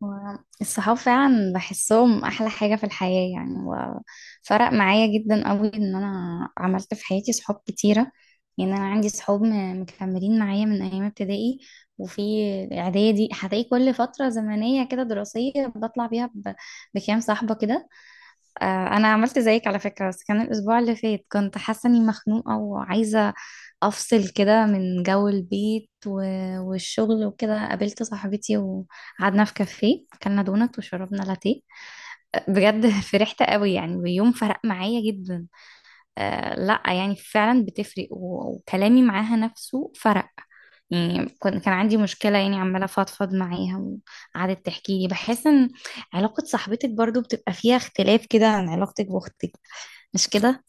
الصحاب فعلا بحسهم احلى حاجة في الحياة يعني، وفرق معايا جدا قوي ان انا عملت في حياتي صحاب كتيرة. يعني انا عندي صحاب مكملين معايا من ايام ابتدائي، وفي اعدادي هتلاقي كل فترة زمنية كده دراسية بطلع بيها بكام صاحبة كده. آه، انا عملت زيك على فكره، بس كان الاسبوع اللي فات كنت حاسه اني مخنوقه وعايزه افصل كده من جو البيت والشغل وكده، قابلت صاحبتي وقعدنا في كافيه اكلنا دونت وشربنا لاتيه. آه، بجد فرحت قوي يعني، ويوم فرق معايا جدا. آه، لا يعني فعلا بتفرق وكلامي معاها نفسه فرق. يعني كان عندي مشكلة، يعني عمالة أفضفض معاها وقعدت تحكي لي. بحس إن علاقة صاحبتك برضو بتبقى فيها اختلاف كده عن علاقتك بأختك، مش كده؟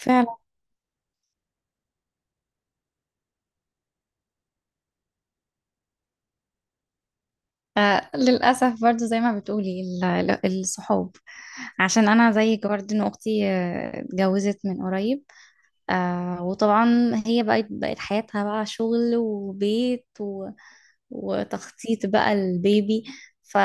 فعلا. آه، للأسف برضو زي ما بتقولي الصحاب، عشان أنا زيك برضو. إن أختي اتجوزت من قريب. آه، وطبعا هي بقت حياتها بقى شغل وبيت وتخطيط بقى البيبي. ف...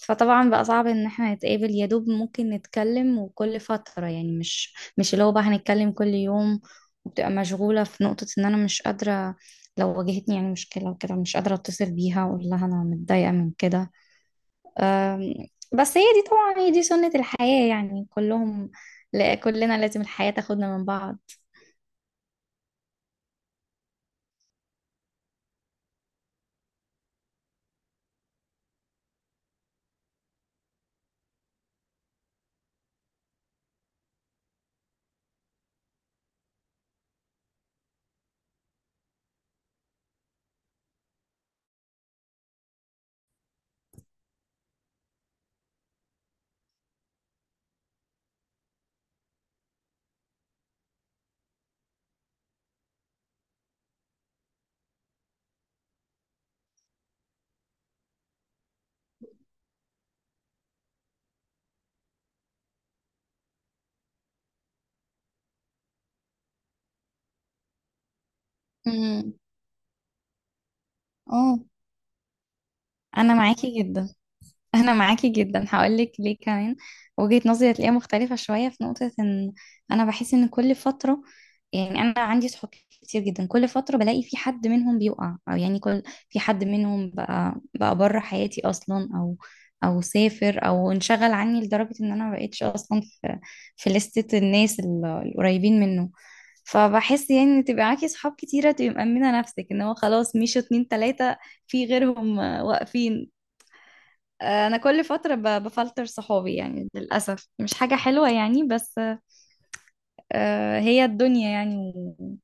فطبعا بقى صعب ان احنا نتقابل، يا دوب ممكن نتكلم وكل فترة، يعني مش اللي هو بقى هنتكلم كل يوم، وبتبقى مشغولة. في نقطة ان انا مش قادرة لو واجهتني يعني مشكلة وكده، مش قادرة اتصل بيها واقول لها انا متضايقة من كده. أم، بس هي دي طبعا، هي دي سنة الحياة يعني كلهم، لا كلنا، لازم الحياة تاخدنا من بعض. امم، اه، انا معاكي جدا. انا معاكي جدا، هقولك ليه كمان. وجهة نظري هتلاقيها مختلفة شوية في نقطة ان انا بحس ان كل فترة، يعني انا عندي صحاب كتير جدا، كل فترة بلاقي في حد منهم بيقع، او يعني كل في حد منهم بقى بره حياتي اصلا، او سافر او انشغل عني لدرجة ان انا ما بقتش اصلا في لستة الناس القريبين منه. فبحس يعني ان تبقى معاكي صحاب كتيرة تبقي مأمنة نفسك ان هو خلاص مشوا اتنين تلاتة في غيرهم آه، واقفين. انا كل فتره بفلتر صحابي. يعني للاسف مش حاجه حلوه يعني، بس آه، هي الدنيا يعني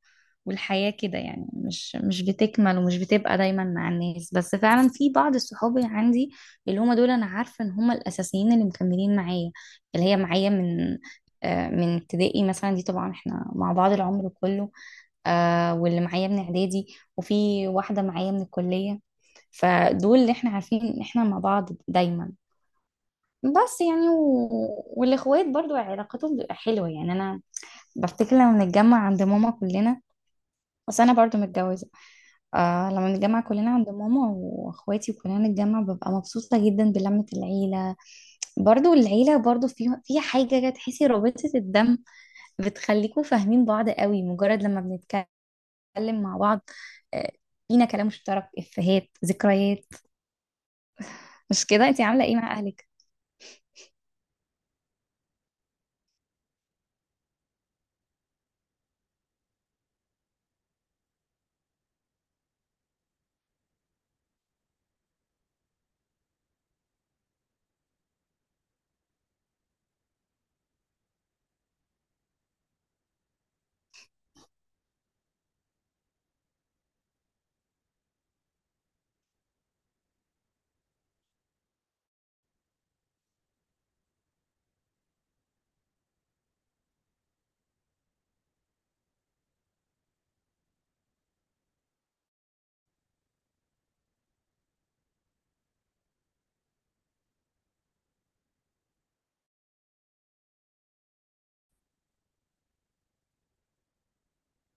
والحياه كده. يعني مش بتكمل ومش بتبقى دايما مع الناس، بس فعلا في بعض الصحابي عندي اللي هم دول انا عارفه ان هم الاساسيين اللي مكملين معايا، اللي هي معايا من من ابتدائي مثلا. دي طبعا احنا مع بعض العمر كله. آه، واللي معايا من اعدادي، وفي واحده معايا من الكليه. فدول اللي احنا عارفين ان احنا مع بعض دايما. بس يعني والاخوات برضو علاقتهم بتبقى حلوه. يعني انا بفتكر لما بنتجمع عند ماما كلنا، بس انا برضو متجوزه. آه، لما نتجمع كلنا عند ماما واخواتي وكلنا نتجمع ببقى مبسوطه جدا بلمه العيله. برضو العيله برضو فيها حاجه كده تحسي رابطه الدم بتخليكوا فاهمين بعض قوي، مجرد لما بنتكلم مع بعض آه، فينا كلام مشترك، افيهات، ذكريات. مش كده؟ انتي عامله ايه مع اهلك؟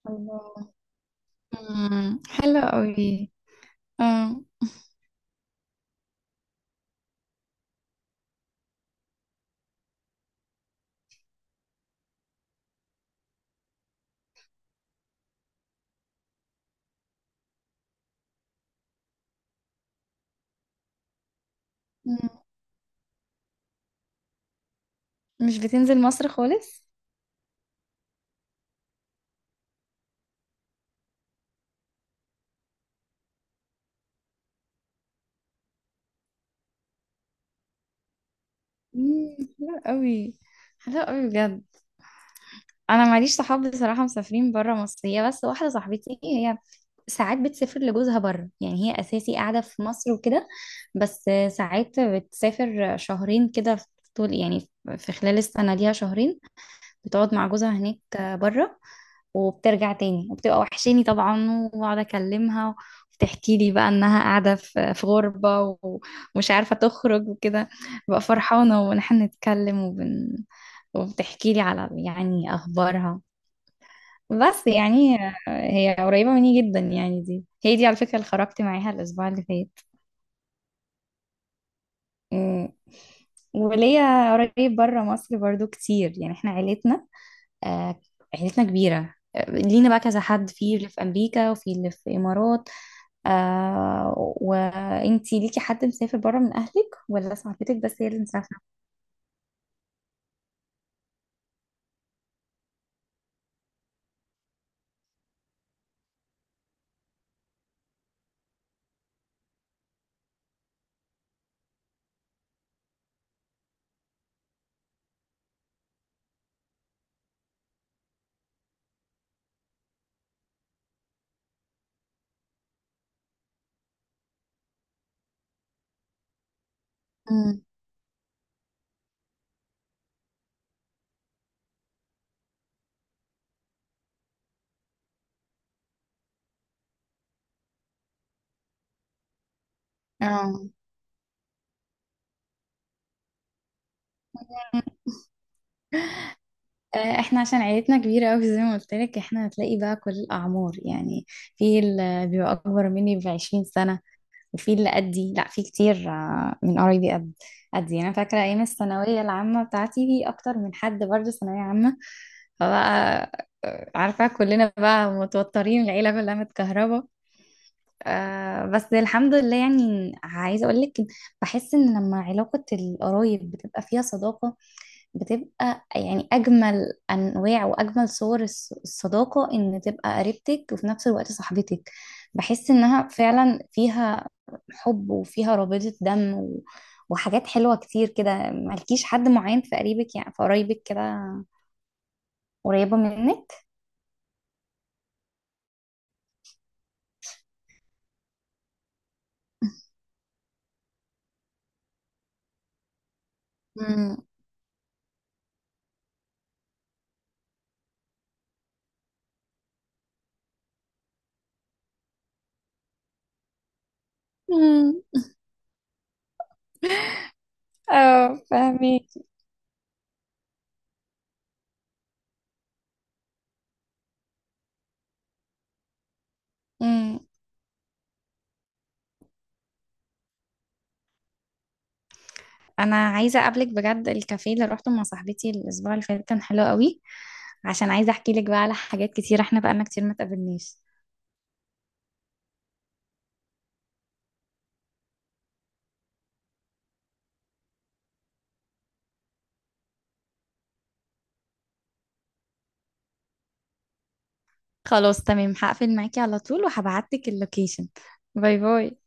الله. حلو قوي. اه، مش بتنزل مصر خالص؟ حلو قوي، حلو قوي بجد. انا معليش صحاب بصراحه مسافرين بره مصر، هي بس واحده صاحبتي هي ساعات بتسافر لجوزها بره. يعني هي اساسي قاعده في مصر وكده، بس ساعات بتسافر شهرين كده في طول يعني، في خلال السنه ليها شهرين بتقعد مع جوزها هناك بره، وبترجع تاني وبتبقى وحشاني طبعا، واقعد اكلمها وبتحكي لي بقى انها قاعده في غربه ومش عارفه تخرج وكده. ببقى فرحانه ونحن نتكلم وبتحكي لي على يعني اخبارها. بس يعني هي قريبه مني جدا، يعني دي هي دي على فكره اللي خرجت معاها الاسبوع اللي فات. أمم. وليا قريب بره مصر برضو كتير، يعني احنا آه، عيلتنا كبيره. آه، لينا بقى كذا حد، في اللي في امريكا وفي اللي في الامارات. آه، وانتي ليكي حد مسافر بره من اهلك، ولا صاحبتك بس هي اللي مسافره؟ مم. اه. آه، احنا عشان عيلتنا كبيرة قوي زي ما قلت لك، احنا هتلاقي بقى كل الأعمار يعني، في اللي بيبقى أكبر مني بـ20 سنة، وفي اللي قدي، لا في كتير من قرايبي قدي. أنا فاكرة أيام الثانوية العامة بتاعتي في أكتر من حد برضه ثانوية عامة، فبقى عارفة كلنا بقى متوترين، العيلة كلها متكهربة. آه، بس الحمد لله، يعني عايزة أقول لك بحس إن لما علاقة القرايب بتبقى فيها صداقة، بتبقى يعني أجمل أنواع وأجمل صور الصداقة، إن تبقى قريبتك وفي نفس الوقت صاحبتك. بحس إنها فعلا فيها حب وفيها رابطة دم وحاجات حلوة كتير كده. مالكيش حد معين في قريبك، يعني في قرايبك كده قريبة منك؟ امم امم اه، فاهمك. انا عايزه اقابلك بجد، الكافيه اللي روحته مع صاحبتي الاسبوع اللي فات كان حلو قوي. عشان عايزه احكي لك بقى على حاجات كتير، احنا بقالنا كتير ما اتقابلناش. خلاص، تمام، هقفل معاكي على طول وهبعت لك اللوكيشن. باي باي.